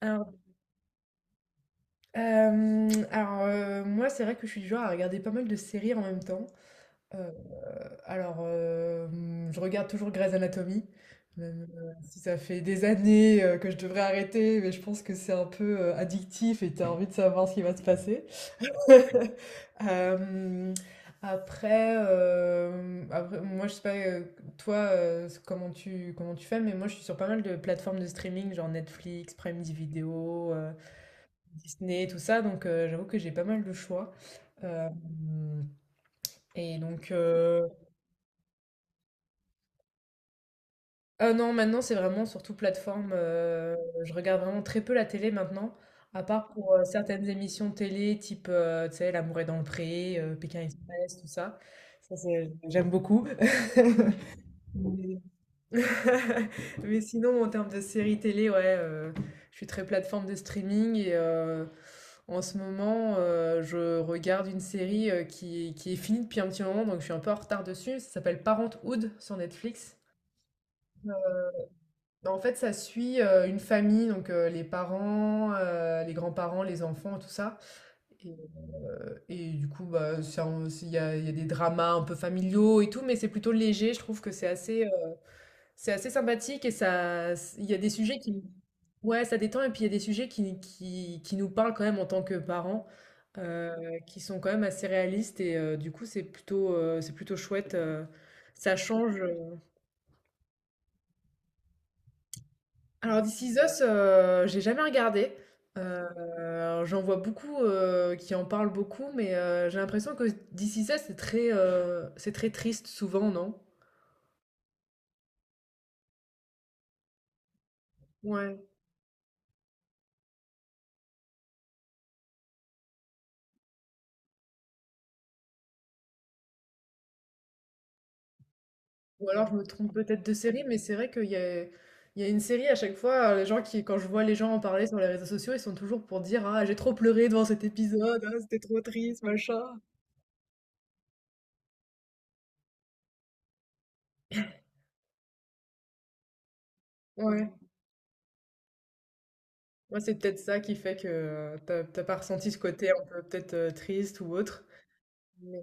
Alors, alors, moi, c'est vrai que je suis du genre à regarder pas mal de séries en même temps. Euh, alors, je regarde toujours Grey's Anatomy, même si ça fait des années que je devrais arrêter, mais je pense que c'est un peu addictif et t'as envie de savoir ce qui va se passer. Euh, après, moi, je sais pas, toi, comment tu fais, mais moi, je suis sur pas mal de plateformes de streaming, genre Netflix, Prime Video, Disney, tout ça. Donc j'avoue que j'ai pas mal de choix. Hem Et donc, ah non, maintenant, c'est vraiment surtout plateforme. Je regarde vraiment très peu la télé maintenant, à part pour certaines émissions télé type, tu sais, L'amour est dans le pré, Pékin Express, tout ça. Ça, c'est j'aime beaucoup. Mais sinon, en termes de séries télé, ouais, je suis très plateforme de streaming et en ce moment, je regarde une série qui est finie depuis un petit moment, donc je suis un peu en retard dessus. Ça s'appelle Parenthood sur Netflix. En fait, ça suit une famille, donc les parents, les grands-parents, les enfants, tout ça. Et, et du coup, bah, il y a des dramas un peu familiaux et tout, mais c'est plutôt léger. Je trouve que c'est assez, c'est assez sympathique et ça, il y a des sujets qui, ouais, ça détend et puis il y a des sujets qui nous parlent quand même en tant que parents, euh, qui sont quand même assez réalistes et du coup c'est plutôt chouette, ça change. Alors This Is Us, j'ai jamais regardé. J'en vois beaucoup qui en parlent beaucoup, mais j'ai l'impression que This Is Us c'est très triste souvent, non? Ouais. Ou alors je me trompe peut-être de série, mais c'est vrai qu'il y a une série à chaque fois, quand je vois les gens en parler sur les réseaux sociaux, ils sont toujours pour dire: «Ah, j'ai trop pleuré devant cet épisode, ah, c'était trop triste, machin.» Ouais, moi c'est peut-être ça qui fait que t'as pas ressenti ce côté un peu peut-être triste ou autre. Mais-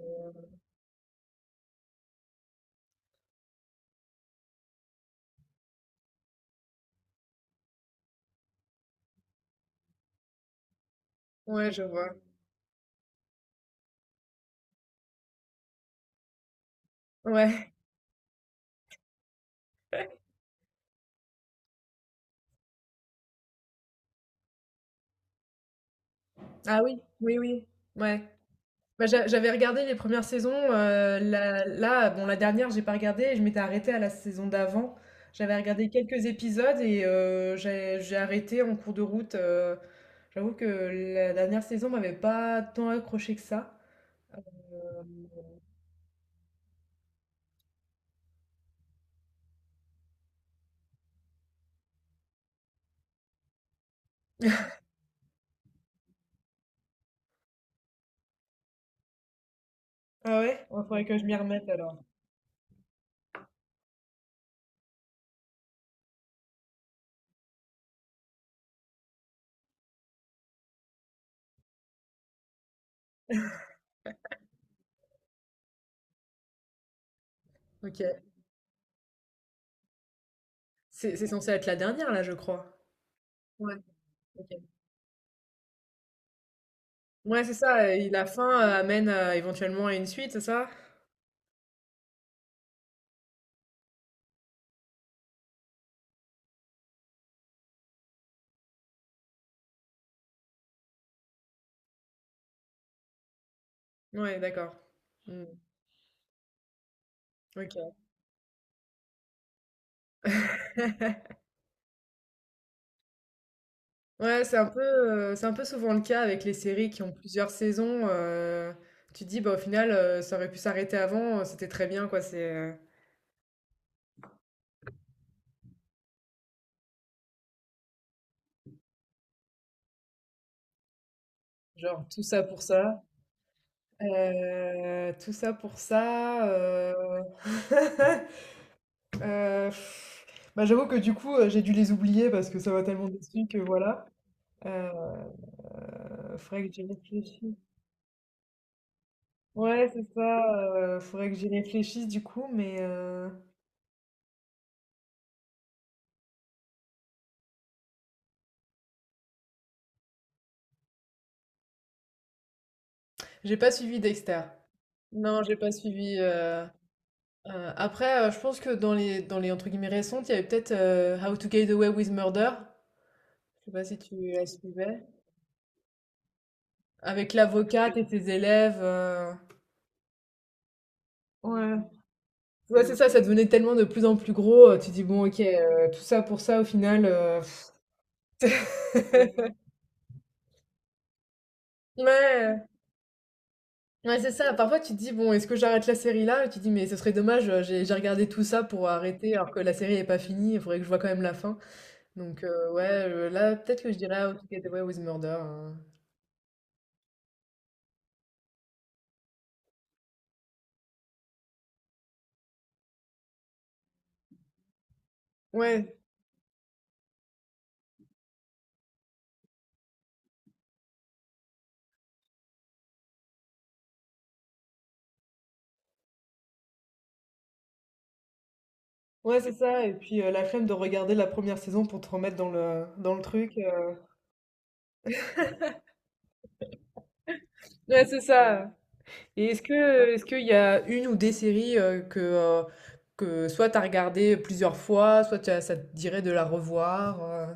Ouais, je vois. Ouais. Ah oui, oui, oui. Ouais. Bah, j'avais regardé les premières saisons, la là, bon, la dernière, j'ai pas regardé, je m'étais arrêtée à la saison d'avant. J'avais regardé quelques épisodes et j'ai arrêté en cours de route. J'avoue que la dernière saison m'avait pas tant accrochée que ça. Euh, Ah ouais? Ouais, faudrait que je m'y remette alors. OK. C'est censé être la dernière là, je crois? Ouais, OK. Ouais, c'est ça et la fin, amène à éventuellement à une suite, c'est ça? Ouais, d'accord. Mmh. OK. Ouais, c'est un peu souvent le cas avec les séries qui ont plusieurs saisons. Tu te dis: «Bah, au final, ça aurait pu s'arrêter avant, c'était très bien, quoi.» C'est genre tout ça pour ça, heu, bah, j'avoue que du coup, j'ai dû les oublier parce que ça m'a tellement déçue que voilà, heu, faudrait que j'y réfléchisse. Ouais, c'est ça, faudrait que j'y réfléchisse du coup, mais, j'ai pas suivi Dexter. Non, j'ai pas suivi. Après, je pense que dans les entre guillemets récentes, il y avait peut-être How to Get Away with Murder. Je sais pas si tu la suivais. Avec l'avocate et ses élèves. Ouais. Ouais, c'est ça, ça devenait tellement de plus en plus gros. Tu dis, bon, ok, tout ça pour ça, au final. Ouais, ouais, c'est ça. Parfois, tu te dis, bon, est-ce que j'arrête la série là? Et tu te dis, mais ce serait dommage, j'ai regardé tout ça pour arrêter alors que la série n'est pas finie, il faudrait que je vois quand même la fin. Donc ouais, là peut-être que je dirais How to Get Away with Murder, hein. Ouais, ouais c'est ça. Et puis la flemme de regarder la première saison pour te remettre dans le truc. Ouais c'est ça. Et est-ce qu'il y a une ou des séries que soit t'as regardé plusieurs fois, soit ça te dirait de la revoir.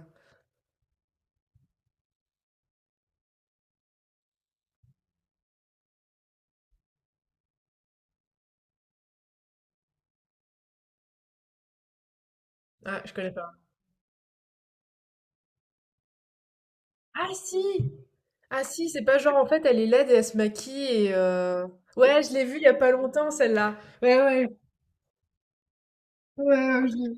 Ah je connais pas. Ah si. Ah si, c'est pas genre en fait elle est laide et elle se maquille et ouais je l'ai vue il y a pas longtemps celle-là. Ouais, ouais, ouais, ouais,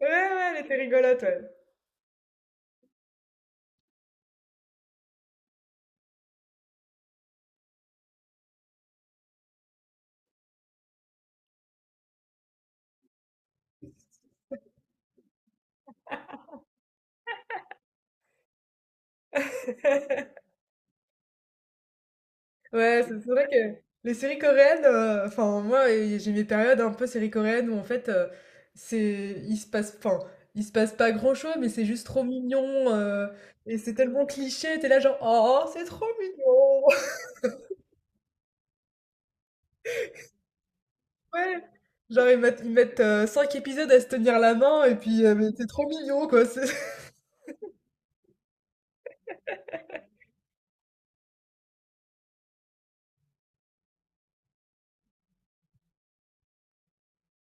ouais, ouais, elle était rigolote, ouais. Ouais, c'est vrai que les séries coréennes, enfin moi j'ai mes périodes un peu séries coréennes où en fait c'est il se passe enfin il se passe pas grand-chose mais c'est juste trop mignon, et c'est tellement cliché, t'es là genre oh c'est trop mignon. Ouais. Genre ils mettent 5 épisodes à se tenir la main et puis mais c'est trop mignon, quoi.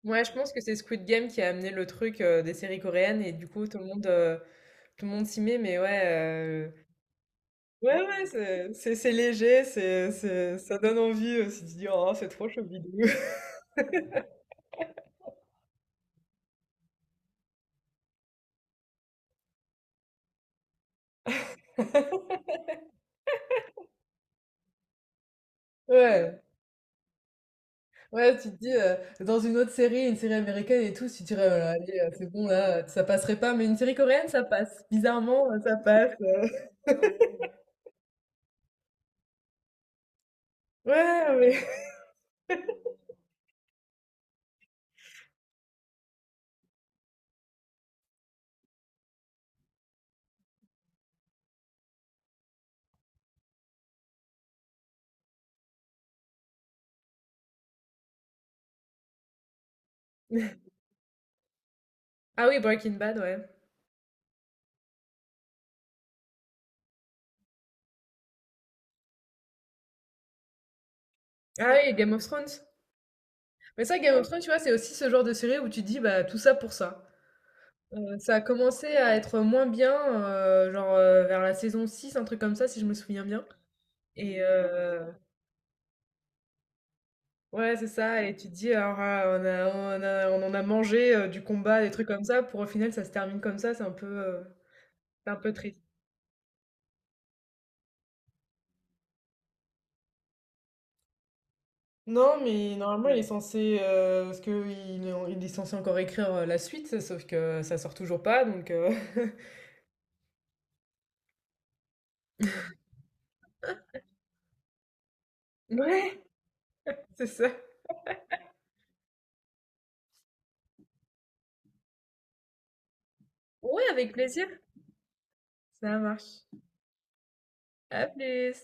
Ouais, je pense que c'est Squid Game qui a amené le truc des séries coréennes et du coup tout le monde s'y met, mais ouais. Ouais, ouais, c'est léger, ça donne envie aussi de dis oh, c'est trop Scooby-Doo. Ouais, ouais, tu te dis, dans une autre série, une série américaine et tout, tu dirais, allez, c'est bon, là, ça passerait pas, mais une série coréenne, ça passe. Bizarrement, ça passe. Ouais, mais... Ah oui, Breaking Bad, ouais. Ah oui, Game of Thrones. Mais ça, Game of Thrones, tu vois, c'est aussi ce genre de série où tu te dis, bah, tout ça pour ça. Ça a commencé à être moins bien, genre vers la saison 6, un truc comme ça, si je me souviens bien. Et, euh, Ouais, c'est ça et tu te dis: «Alors, ah, on en a mangé, du combat, des trucs comme ça, pour au final, ça se termine comme ça.» C'est un peu triste. Non, mais normalement, il est, ouais, censé, parce que il est censé encore écrire, la suite, sauf que ça sort toujours pas, donc Ouais, c'est ça. Ouais, avec plaisir. Ça marche. À plus.